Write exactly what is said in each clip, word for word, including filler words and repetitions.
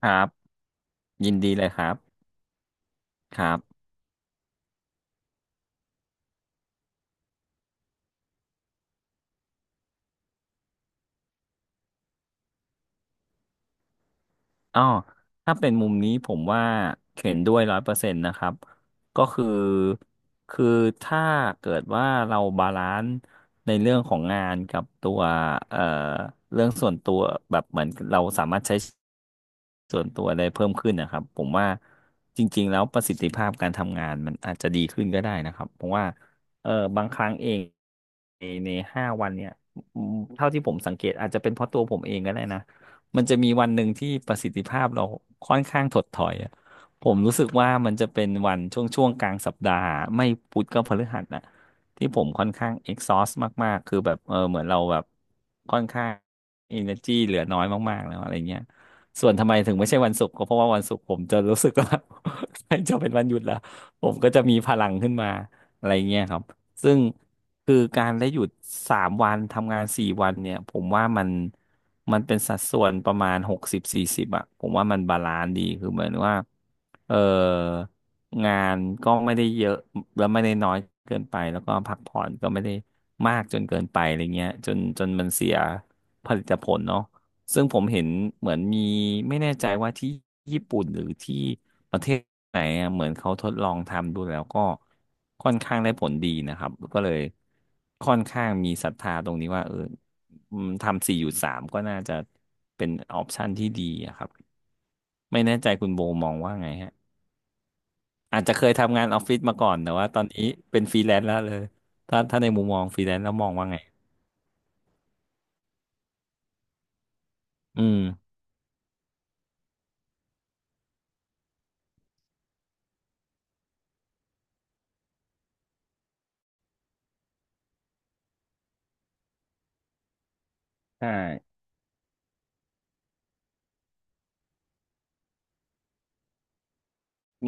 ครับยินดีเลยครับครับ อ๋อถ้าเป็นมุมนี้ผมว่าเห็นด้วยร้อยเปอร์เซ็นต์นะครับ ก็คือคือถ้าเกิดว่าเราบาลานซ์ในเรื่องของงานกับตัวเอ่อเรื่องส่วนตัวแบบเหมือนเราสามารถใช้ส่วนตัวได้เพิ่มขึ้นนะครับผมว่าจริงๆแล้วประสิทธิภาพการทำงานมันอาจจะดีขึ้นก็ได้นะครับเพราะว่าเออบางครั้งเองในในห้าวันเนี่ยอืมเท่าที่ผมสังเกตอาจจะเป็นเพราะตัวผมเองก็ได้นะ มันจะมีวันหนึ่งที่ประสิทธิภาพเราค่อนข้างถดถอยอะผมรู้สึกว่ามันจะเป็นวันช่วงช่วงกลางสัปดาห์ไม่พุธก็พฤหัสนะที่ผมค่อนข้าง exhaust มากๆคือแบบเออเหมือนเราแบบค่อนข้าง energy เหลือน้อยมากๆแล้วอะไรเงี้ยส่วนทำไมถึงไม่ใช่วันศุกร์ก็เพราะว่าวันศุกร์ผมจะรู้สึกว่า ใกล้จะเป็นวันหยุดแล้วผมก็จะมีพลังขึ้นมาอะไรเงี้ยครับซึ่งคือการได้หยุดสามวันทำงานสี่วันเนี่ยผมว่ามัน มันเป็นสัดส่วนประมาณหกสิบสี่สิบอ่ะผมว่ามันบาลานซ์ดีคือเหมือนว่าเอองานก็ไม่ได้เยอะแล้วไม่ได้น้อยเกินไปแล้วก็พักผ่อนก็ไม่ได้มากจนเกินไปอะไรเงี้ยจนจนมันเสียผลิตผลเนาะซึ่งผมเห็นเหมือนมีไม่แน่ใจว่าที่ญี่ปุ่นหรือที่ประเทศไหนอะเหมือนเขาทดลองทำดูแล้วก็ค่อนข้างได้ผลดีนะครับก็เลยค่อนข้างมีศรัทธาตรงนี้ว่าเออ อืมทำสี่หยุดสามก็น่าจะเป็นออปชันที่ดีอะครับไม่แน่ใจคุณโบมองว่าไงฮะอาจจะเคยทำงานออฟฟิศมาก่อนแต่ว่าตอนนี้เป็นฟรีแลนซ์แล้วเลยถ้าถ้าในมุมมองฟรีแลนซ์แล้วมองว่าไงอืมใช่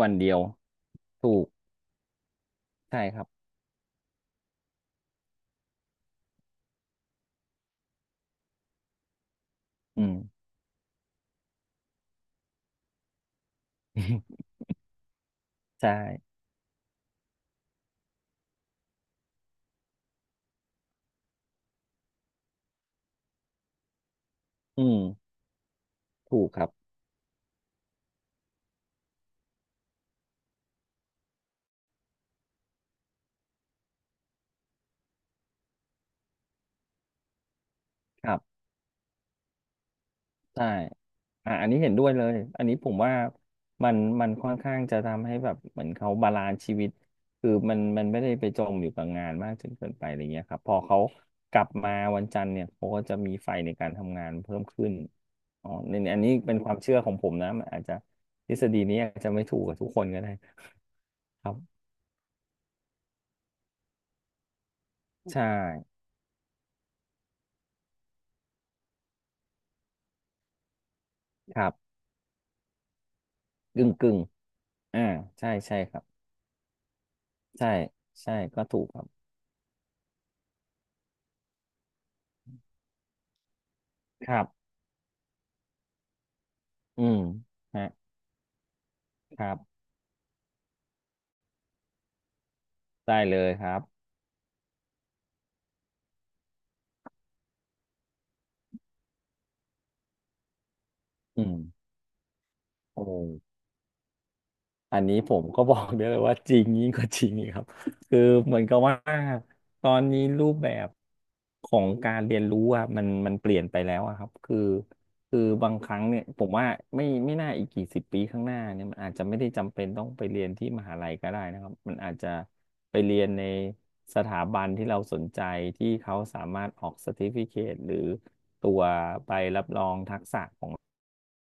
วันเดียวถูกใช่ครับอืม ใช่อืมถูกครับครับ ใช่อ่ะอันนี้เห็นด้วยเลยอันนี้ผมว่ามันมันค่อนข้างจะทำให้แบบเหมือนเขาบาลานซ์ชีวิตคือมันมันไม่ได้ไปจมอยู่กับงานมากจนเกินไปอะไรเงี้ยครับพอเขากลับมาวันจันทร์เนี่ยเขาก็จะมีไฟในการทำงานเพิ่มขึ้นอ๋อในในอันนี้เป็นความเชื่อของผมนะมันอาจจะทฤษฎีนี้อาจจะไม่ถูกกับทุกคนก็ได้ครับใช่ครับกึ่งกึ่งอ่าใช่ใช่ครับใช่ใช่ก็ถูกครับครับอืมฮะครับได้เลยครับอืม โอ้อันนี้ผมก็บอกได้เลยว่าจริงยิ่งกว่าจริงอีกครับ คือเหมือนกับว่าตอนนี้รูปแบบของการเรียนรู้อะมันมันเปลี่ยนไปแล้วอะครับคือคือบางครั้งเนี่ยผมว่าไม่ไม่น่าอีกกี่สิบปีข้างหน้าเนี่ยมันอาจจะไม่ได้จำเป็นต้องไปเรียนที่มหาลัยก็ได้นะครับมันอาจจะไปเรียนในสถาบันที่เราสนใจที่เขาสามารถออก c e r t i f i c a t e หรือตัวใบรับรองทักษะของ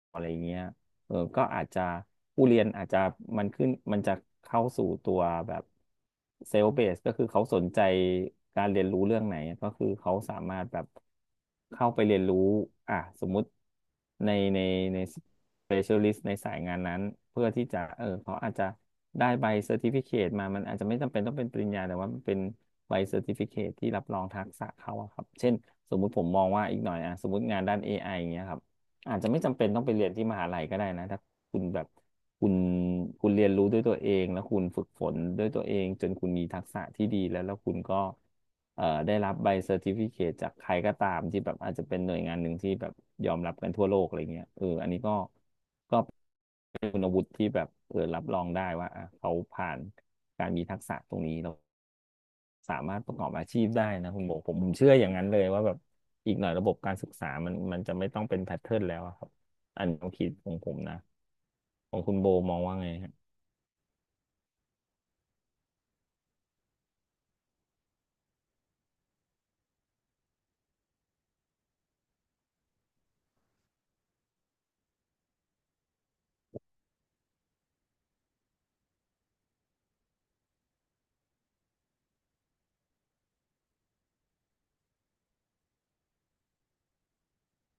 อะไรเงี้ยเออก็อาจจะผู้เรียนอาจจะมันขึ้นมันจะเข้าสู่ตัวแบบเซล f ์เบสก็คือเขาสนใจการเรียนรู้เรื่องไหนก็คือเขาสามารถแบบเข้าไปเรียนรู้อ่ะสมมุติในในใน specialist ในสายงานนั้นเพื่อที่จะเออเขาอาจจะได้ใบเซอร์ติฟิเคตมามันอาจจะไม่จำเป็นต้องเป็นปริญญาแต่ว่ามันเป็นใบเซอร์ติฟิเคตที่รับรองทักษะเขาอะครับเช่นสมมุติผมมองว่าอีกหน่อยอะสมมติงานด้าน เอ ไอ อไออย่างเงี้ยครับ อาจจะไม่จำเป็นต้องไปเรียนที่มหาลัยก็ได้นะถ้าคุณแบบคุณคุณเรียนรู้ด้วยตัวเองแล้วคุณฝึกฝนด้วยตัวเองจนคุณมีทักษะที่ดีแล้วแล้วคุณก็เอ่อได้รับใบเซอร์ติฟิเคตจากใครก็ตามที่แบบอาจจะเป็นหน่วยงานหนึ่งที่แบบยอมรับกันทั่วโลกอะไรเงี้ยเอออันนี้ก็ก็ คุณวุฒิที่แบบเออรับรองได้ว่าอ่ะเขาผ่านการมีทักษะตรงนี้แล้วสามารถประกอบอาชีพได้นะคุณโบผมผมเชื่ออย่างนั้นเลยว่าแบบอีกหน่อยระบบการศึกษามันมันจะไม่ต้องเป็นแพทเทิร์นแล้วอะครับอันนี้ความคิดของผมนะของคุณโบมองว่าไงฮะ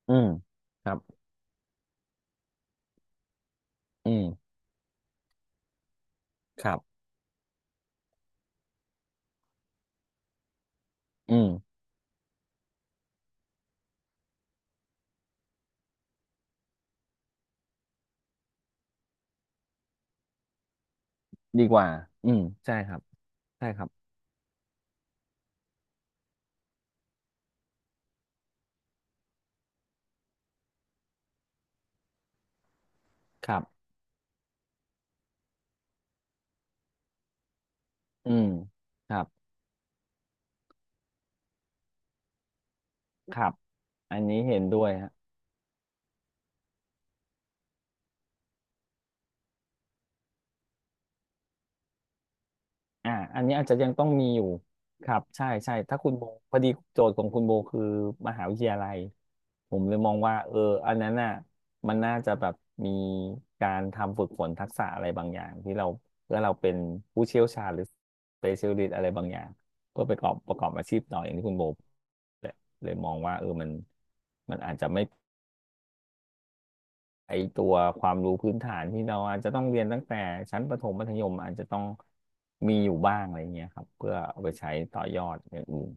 อืมครับอืมครับอืมดีกว่าอืมใช่ครับใช่ครับครับอืมครับครับอันนี้เห็นด้วยฮะ อ่าอันนี้อาจจะยังต้องมีอยู่ครับใช่ใช่ถ้าคุณโบพอดีโจทย์ของคุณโบคือมหาวิทยาลัยผมเลยมองว่าเอออันนั้นน่ะมันน่าจะแบบมีการทำฝึกฝนทักษะอะไรบางอย่างที่เราเพื่อเราเป็นผู้เชี่ยวชาญหรือ specialist อะไรบางอย่างเพื่อไปประกอบประกอบอาชีพต่ออย่างที่คุณโบเลยเลยมองว่าเออมันมันอาจจะไม่ ไอตัวความรู้พื้นฐานที่เราอาจจะต้องเรียนตั้งแต่ชั้นประถมมัธยมอาจจะต้องมีอยู่บ้างอะไรเงี้ยครับเพื่อเอาไปใช้ต่อยอดอย่างอื่น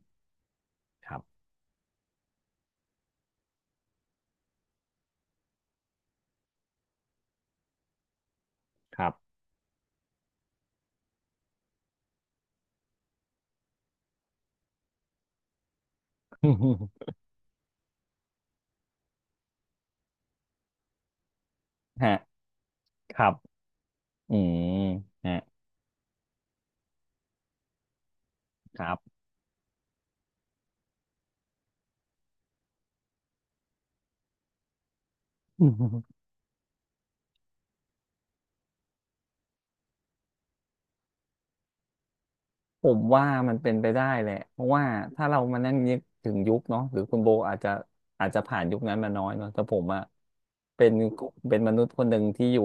ครับครับ ฮะครับอืมฮะครับ ผมว่ามันเป็นไปได้แหละเพราะว่าถ้าเรามานั่งนึกถึงยุคเนาะหรือคุณโบอาจจะอาจจะผ่านยุคนั้นมาน้อยเนาะแต่ผมอะเป็นเป็นมนุษย์คนหนึ่งที่อยู่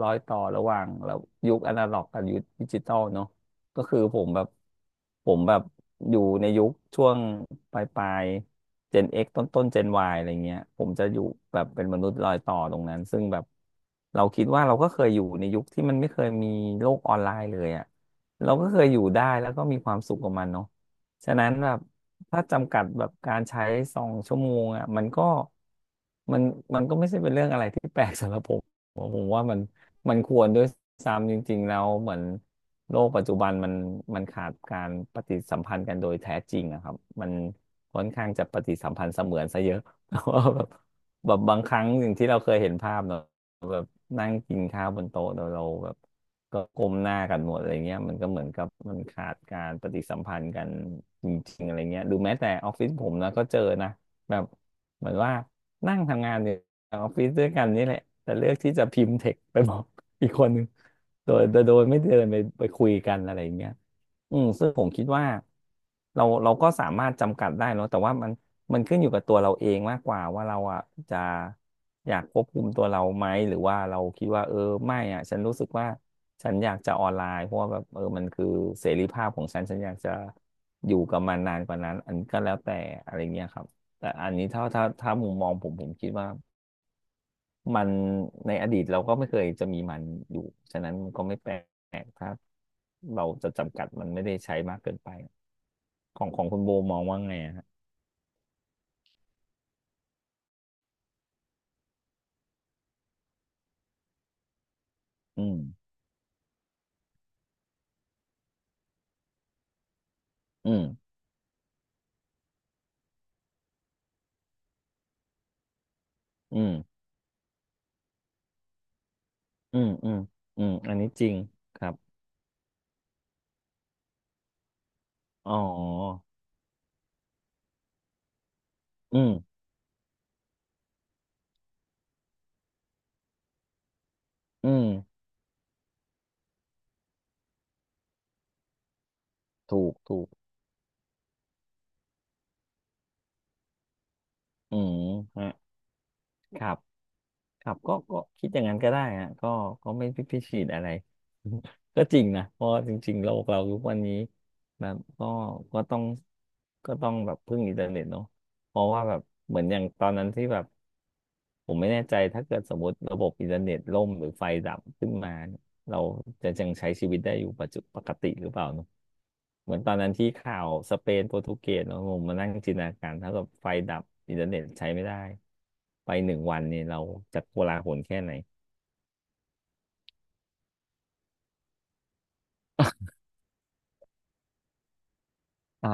ร้อยต่อระหว่างแล้วยุคอนาล็อกกับยุคดิจิตอลเนาะก็คือผมแบบผมแบบอยู่ในยุคช่วงปลายปลายเจน เอ็กซ์ ต้นต้นเจน วาย อะไรเงี้ยผมจะอยู่แบบเป็นมนุษย์รอยต่อตรงนั้นซึ่งแบบเราคิดว่าเราก็เคยอยู่ในยุคที่มันไม่เคยมีโลกออนไลน์เลยอะ เราก็เคยอยู่ได้แล้วก็มีความสุขกับมันเนาะฉะนั้นแบบถ้าจำกัดแบบการใช้สองชั่วโมงอ่ะมันก็มันมันก็ไม่ใช่เป็นเรื่องอะไรที่แปลกสำหรับผมผมผมว่ามันมันควรด้วยซ้ำจริงๆแล้วเหมือนโลกปัจจุบันมันมันขาดการปฏิสัมพันธ์กันโดยแท้จริงอะครับมันค่อนข้างจะปฏิสัมพันธ์เสมือนซะเยอะ เพราะว่าแบบแบบบางครั้งสิ่งที่เราเคยเห็นภาพเนาะ นั่งกินข้าวบนโต๊ะโดเราแบบก็ก้มหน้ากันหมดอะไรเงี้ยมันก็เหมือนกับมันขาดการปฏิสัมพันธ์กันจริงๆอะไรเงี้ยดูแม้แต่ออฟฟิศผมนะก็เจอนะแบบเหมือนว่านั่งทำงานอยู่ในออฟฟิศด้วยกันนี่แหละแต่เลือกที่จะพิมพ์เท็กไปบอก อีกคนหนึ่งโดยโดยโดยไม่เดินไปไปคุยกันอะไรเงี้ยอืมซึ่งผมคิดว่าเราเราก็สามารถจำกัดได้เนอะแต่ว่ามัน มันขึ้นอยู่กับตัวเราเองมากกว่าว่าเราอ่ะจะอยากควบคุมตัวเราไหมหรือว่าเราคิดว่าเออไม่อ่ะฉันรู้สึกว่าฉันอยากจะออนไลน์เพราะว่าแบบเออมันคือเสรีภาพของฉันฉันอยากจะอยู่กับมันนานกว่านั้นอันก็แล้วแต่อะไรเงี้ยครับแต่อันนี้ถ้าถ้าถ้ามุมมองผมผมคิดว่ามันในอดีตเราก็ไม่เคยจะมีมันอยู่ฉะนั้นมันก็ไม่แปลกถ้าเราจะจำกัดมันไม่ได้ใช้มากเกินไปของของคุณโบมองว่าไงอะฮะอืมอืมอืม อืมอืมอืมอันนี้จริงครับอ๋ออืมอืมถูกถูกอืมฮะครับครับก็ก็คิดอย่างนั้นก็ได้ฮะก็ก็ไม่พิพิตีดอะไร ก็จริงนะเพราะจริงๆโลกเราทุกวันนี้แบบก็ก็ต้องก็ต้องแบบพึ่งอินเทอร์เน็ตเนาะเพราะว่าแบบเหมือนอย่างตอนนั้นที่แบบผมไม่แน่ใจถ้าเกิดสมมติระบบอินเทอร์เน็ตล่มหรือไฟดับขึ้นมา เราจะยังใช้ชีวิตได้อยู่ปัจจุปกติหรือเปล่าเนอะเหมือนตอนนั้นที่ข่าวสเปนโปรตุเกสเนาะผมมานั่งจินตนาการถ้าเกบบไฟดับอินเทอร์เน็ตใช้ไม่ได้ไปหนึ่งวันเนี่ยเราจะโกลาหลแค่ไหนอ่า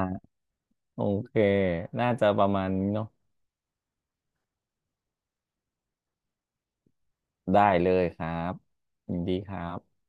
โอเคน่าจะประมาณนี้เนาะได้เลยครับยินดีครับ